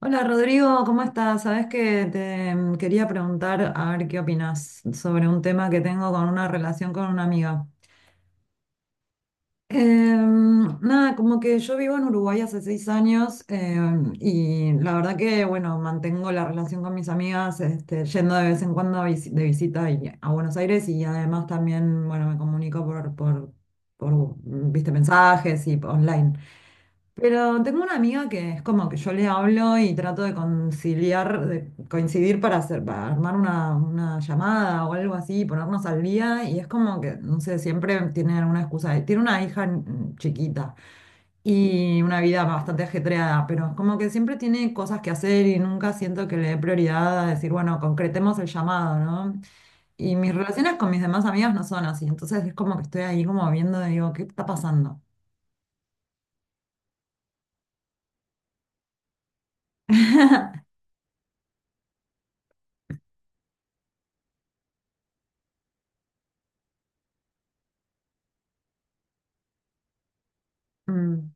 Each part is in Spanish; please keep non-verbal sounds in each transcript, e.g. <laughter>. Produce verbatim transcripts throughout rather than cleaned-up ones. Hola Rodrigo, ¿cómo estás? Sabes que te mm, quería preguntar a ver qué opinas sobre un tema que tengo con una relación con una amiga. Em, nada, como que yo vivo en Uruguay hace seis años em, y la verdad que, bueno, mantengo la relación con mis amigas, este, yendo de vez en cuando a visi- de visita y- a Buenos Aires y además también, bueno, me comunico por, por, por, mm, viste, mensajes y online. Pero tengo una amiga que es como que yo le hablo y trato de conciliar, de coincidir para hacer, para armar una, una llamada o algo así, ponernos al día, y es como que, no sé, siempre tiene alguna excusa. Tiene una hija mm, chiquita y una vida bastante ajetreada, pero es como que siempre tiene cosas que hacer y nunca siento que le dé prioridad a decir, bueno, concretemos el llamado, ¿no? Y mis relaciones con mis demás amigas no son así, entonces es como que estoy ahí como viendo, digo, ¿qué está pasando? <laughs> Mm.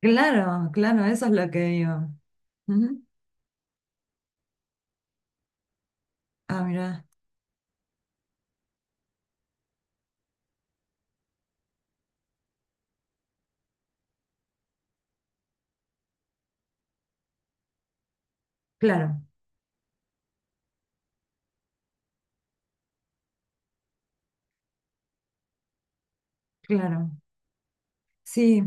Claro, claro, eso es lo que digo. Ujú. Ah, mira, claro, claro. Sí,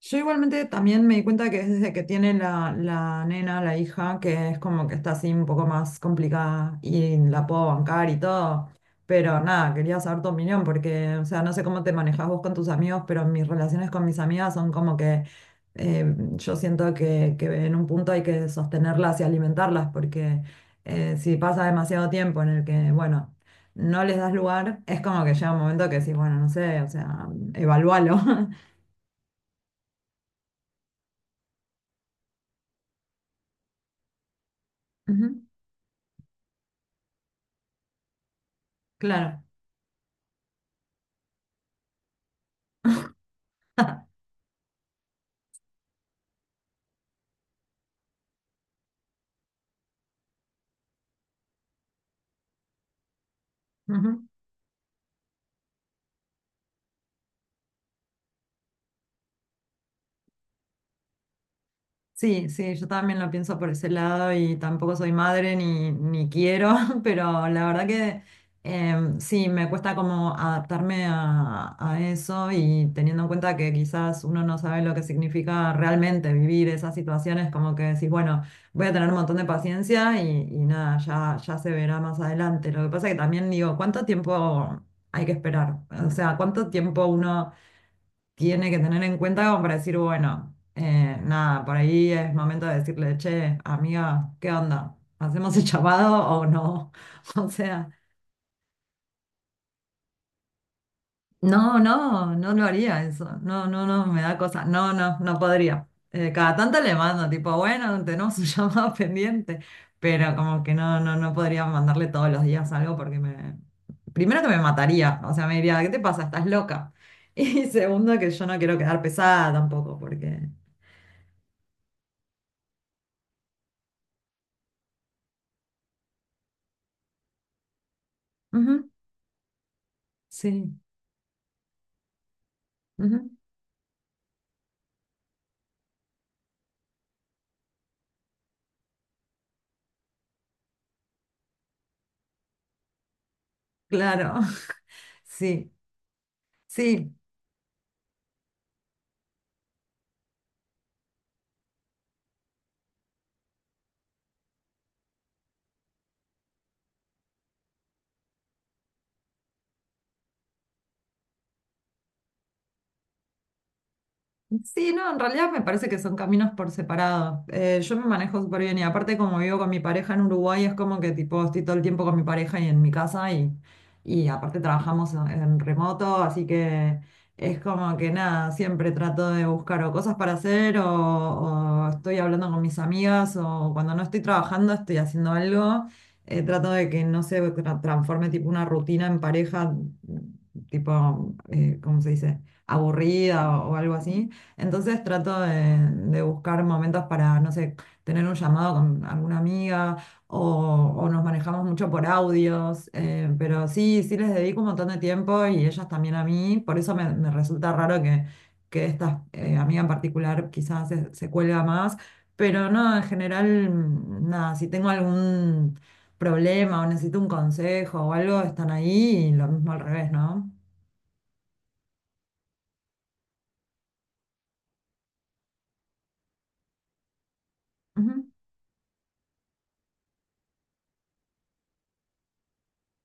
yo igualmente también me di cuenta que desde que tiene la, la nena, la hija, que es como que está así un poco más complicada y la puedo bancar y todo. Pero nada, quería saber tu opinión porque, o sea, no sé cómo te manejas vos con tus amigos, pero mis relaciones con mis amigas son como que eh, yo siento que, que en un punto hay que sostenerlas y alimentarlas porque eh, si pasa demasiado tiempo en el que, bueno, no les das lugar, es como que llega un momento que decís, bueno, no sé, o sea, evalúalo. <laughs> Ujú. Claro. Ujú. Sí, sí, yo también lo pienso por ese lado y tampoco soy madre ni, ni quiero, <laughs> pero la verdad que em, sí, me cuesta como adaptarme a, a eso y teniendo en cuenta que quizás uno no sabe lo que significa realmente vivir esas situaciones, como que decís, bueno, voy a tener un montón de paciencia y, y nada, ya, ya se verá más adelante. Lo que pasa que también digo, ¿cuánto tiempo hay que esperar? O sea, ¿cuánto tiempo uno tiene que tener en cuenta como para decir, bueno, eh, nada, por ahí es momento de decirle, che, amiga, ¿qué onda? ¿Hacemos el chapado o no? <laughs> O sea, no, no, no lo haría eso. No, no, no, me da cosa. No, no, no podría. Eh, cada tanto le mando, tipo, bueno, tenemos un <laughs> llamado pendiente, pero como que no, no, no podría mandarle todos los días algo porque me primero que me mataría, o sea, me diría, ¿qué te pasa? ¿Estás loca? <laughs> Y segundo que yo no quiero quedar pesada tampoco, porque Ujú. Sí, ujú, claro, <laughs> sí, sí, sí, no, en realidad me parece que son caminos por separado. Eh, yo me manejo súper bien y aparte como vivo con mi pareja en Uruguay es como que tipo estoy todo el tiempo con mi pareja y en mi casa y, y aparte trabajamos en, en remoto, así que es como que nada, siempre trato de buscar o cosas para hacer o, o estoy hablando con mis amigas o cuando no estoy trabajando estoy haciendo algo. Eh, trato de que no se tra- transforme tipo una rutina en pareja, tipo, eh, ¿cómo se dice? Aburrida o o algo así. Entonces trato de, de buscar momentos para, no sé, tener un llamado con alguna amiga o, o nos manejamos mucho por audios, eh, pero sí, sí les dedico un montón de tiempo y ellas también a mí, por eso me, me resulta raro que, que esta eh, amiga en particular quizás se, se cuelga más, pero no, en general, mm, nada, si tengo algún problema o necesito un consejo o algo, están ahí y lo mismo al revés, ¿no? Ujú.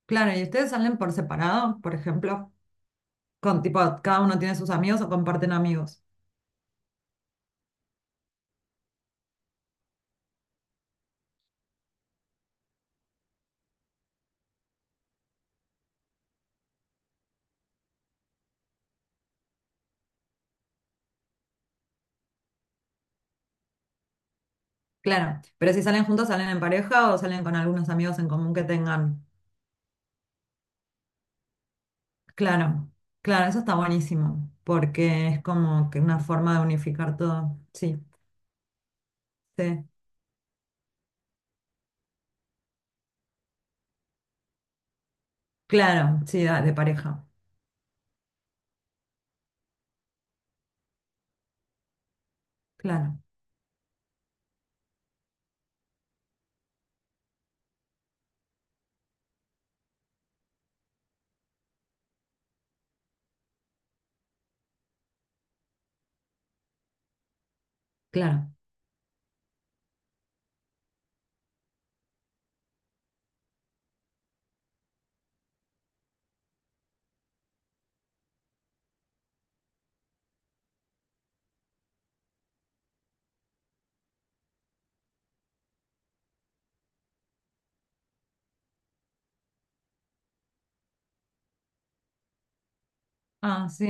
Claro, ¿y ustedes salen por separado, por ejemplo? Con, tipo, cada uno tiene sus amigos o comparten amigos. Claro, pero si salen juntos, salen en pareja o salen con algunos amigos en común que tengan. Claro, claro, eso está buenísimo, porque es como que una forma de unificar todo. Sí, sí, claro, sí, da- de pareja. Claro, claro. Ah, sí.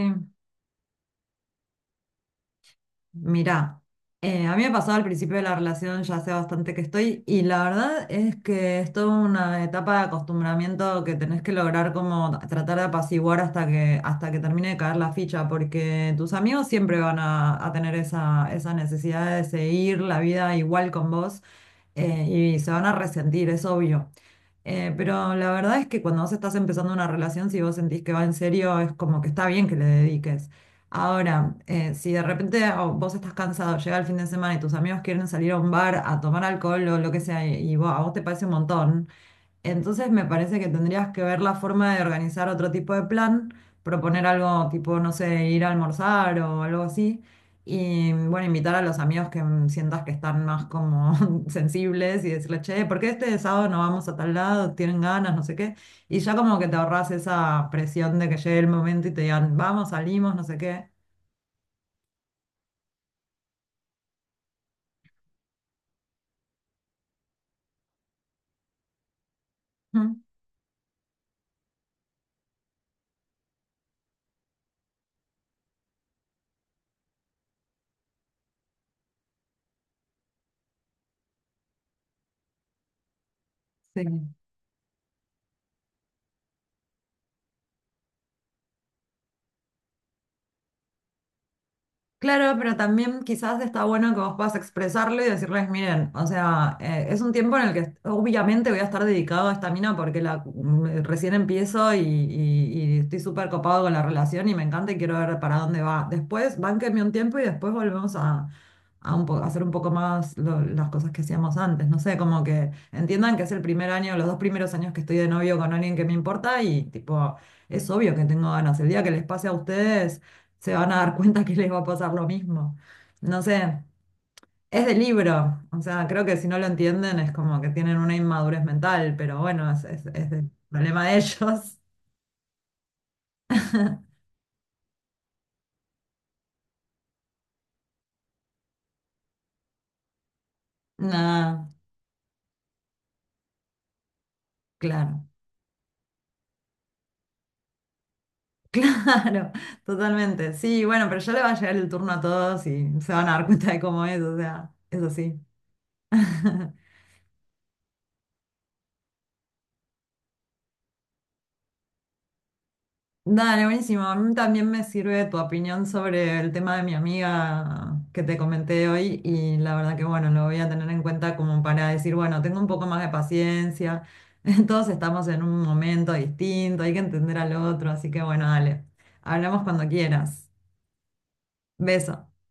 Mirá, eh, a mí me pasó al principio de la relación, ya hace bastante que estoy, y la verdad es que es toda una etapa de acostumbramiento que tenés que lograr como tratar de apaciguar hasta que, hasta que termine de caer la ficha, porque tus amigos siempre van a, a tener esa, esa necesidad de seguir la vida igual con vos, eh, y se van a resentir, es obvio. Eh, pero la verdad es que cuando vos estás empezando una relación, si vos sentís que va en serio, es como que está bien que le dediques. Ahora, eh, si de repente oh, vos estás cansado, llega el fin de semana y tus amigos quieren salir a un bar a tomar alcohol o lo que sea, y, y vos- a vos te parece un montón, entonces me parece que tendrías que ver la forma de organizar otro tipo de plan, proponer algo tipo, no sé, ir a almorzar o algo así. Y bueno, invitar a los amigos que mm, sientas que están más como <laughs> sensibles y decirle, che, ¿por qué este sábado no vamos a tal lado? ¿Tienen ganas? No sé qué. Y ya como que te ahorras esa presión de que llegue el momento y te digan, vamos, salimos, no sé qué. Ujú. Sí. Claro, pero también quizás está bueno que vos puedas expresarlo y decirles, miren, o sea, eh, es un tiempo en el que obviamente voy a estar dedicado a esta mina porque la, mm, recién empiezo y, y- y estoy súper copado con la relación y me encanta y quiero ver para dónde va. Después, bánquenme un tiempo y después volvemos a, a un po- a hacer un poco más lo- las cosas que hacíamos antes. No sé, como que entiendan que es el primer año, los dos primeros años que estoy de novio con alguien que me importa y tipo es obvio que tengo ganas. El día que les pase a ustedes se van a dar cuenta que les va a pasar lo mismo. No sé, es de libro, o sea, creo que si no lo entienden es como que tienen una inmadurez mental, pero bueno, es, es, es del problema de ellos. <laughs> Nada, claro, <laughs> claro, totalmente. Sí, bueno, pero ya le va a llegar el turno a todos y se van a dar cuenta de cómo es, o sea, eso sí. <laughs> Dale, buenísimo. A mí también me sirve tu opinión sobre el tema de mi amiga que te comenté hoy y la verdad que bueno, lo voy a tener en cuenta como para decir, bueno, tengo un poco más de paciencia, <laughs> todos estamos en un momento distinto, hay que entender al otro, así que bueno, dale, hablamos cuando quieras. Beso.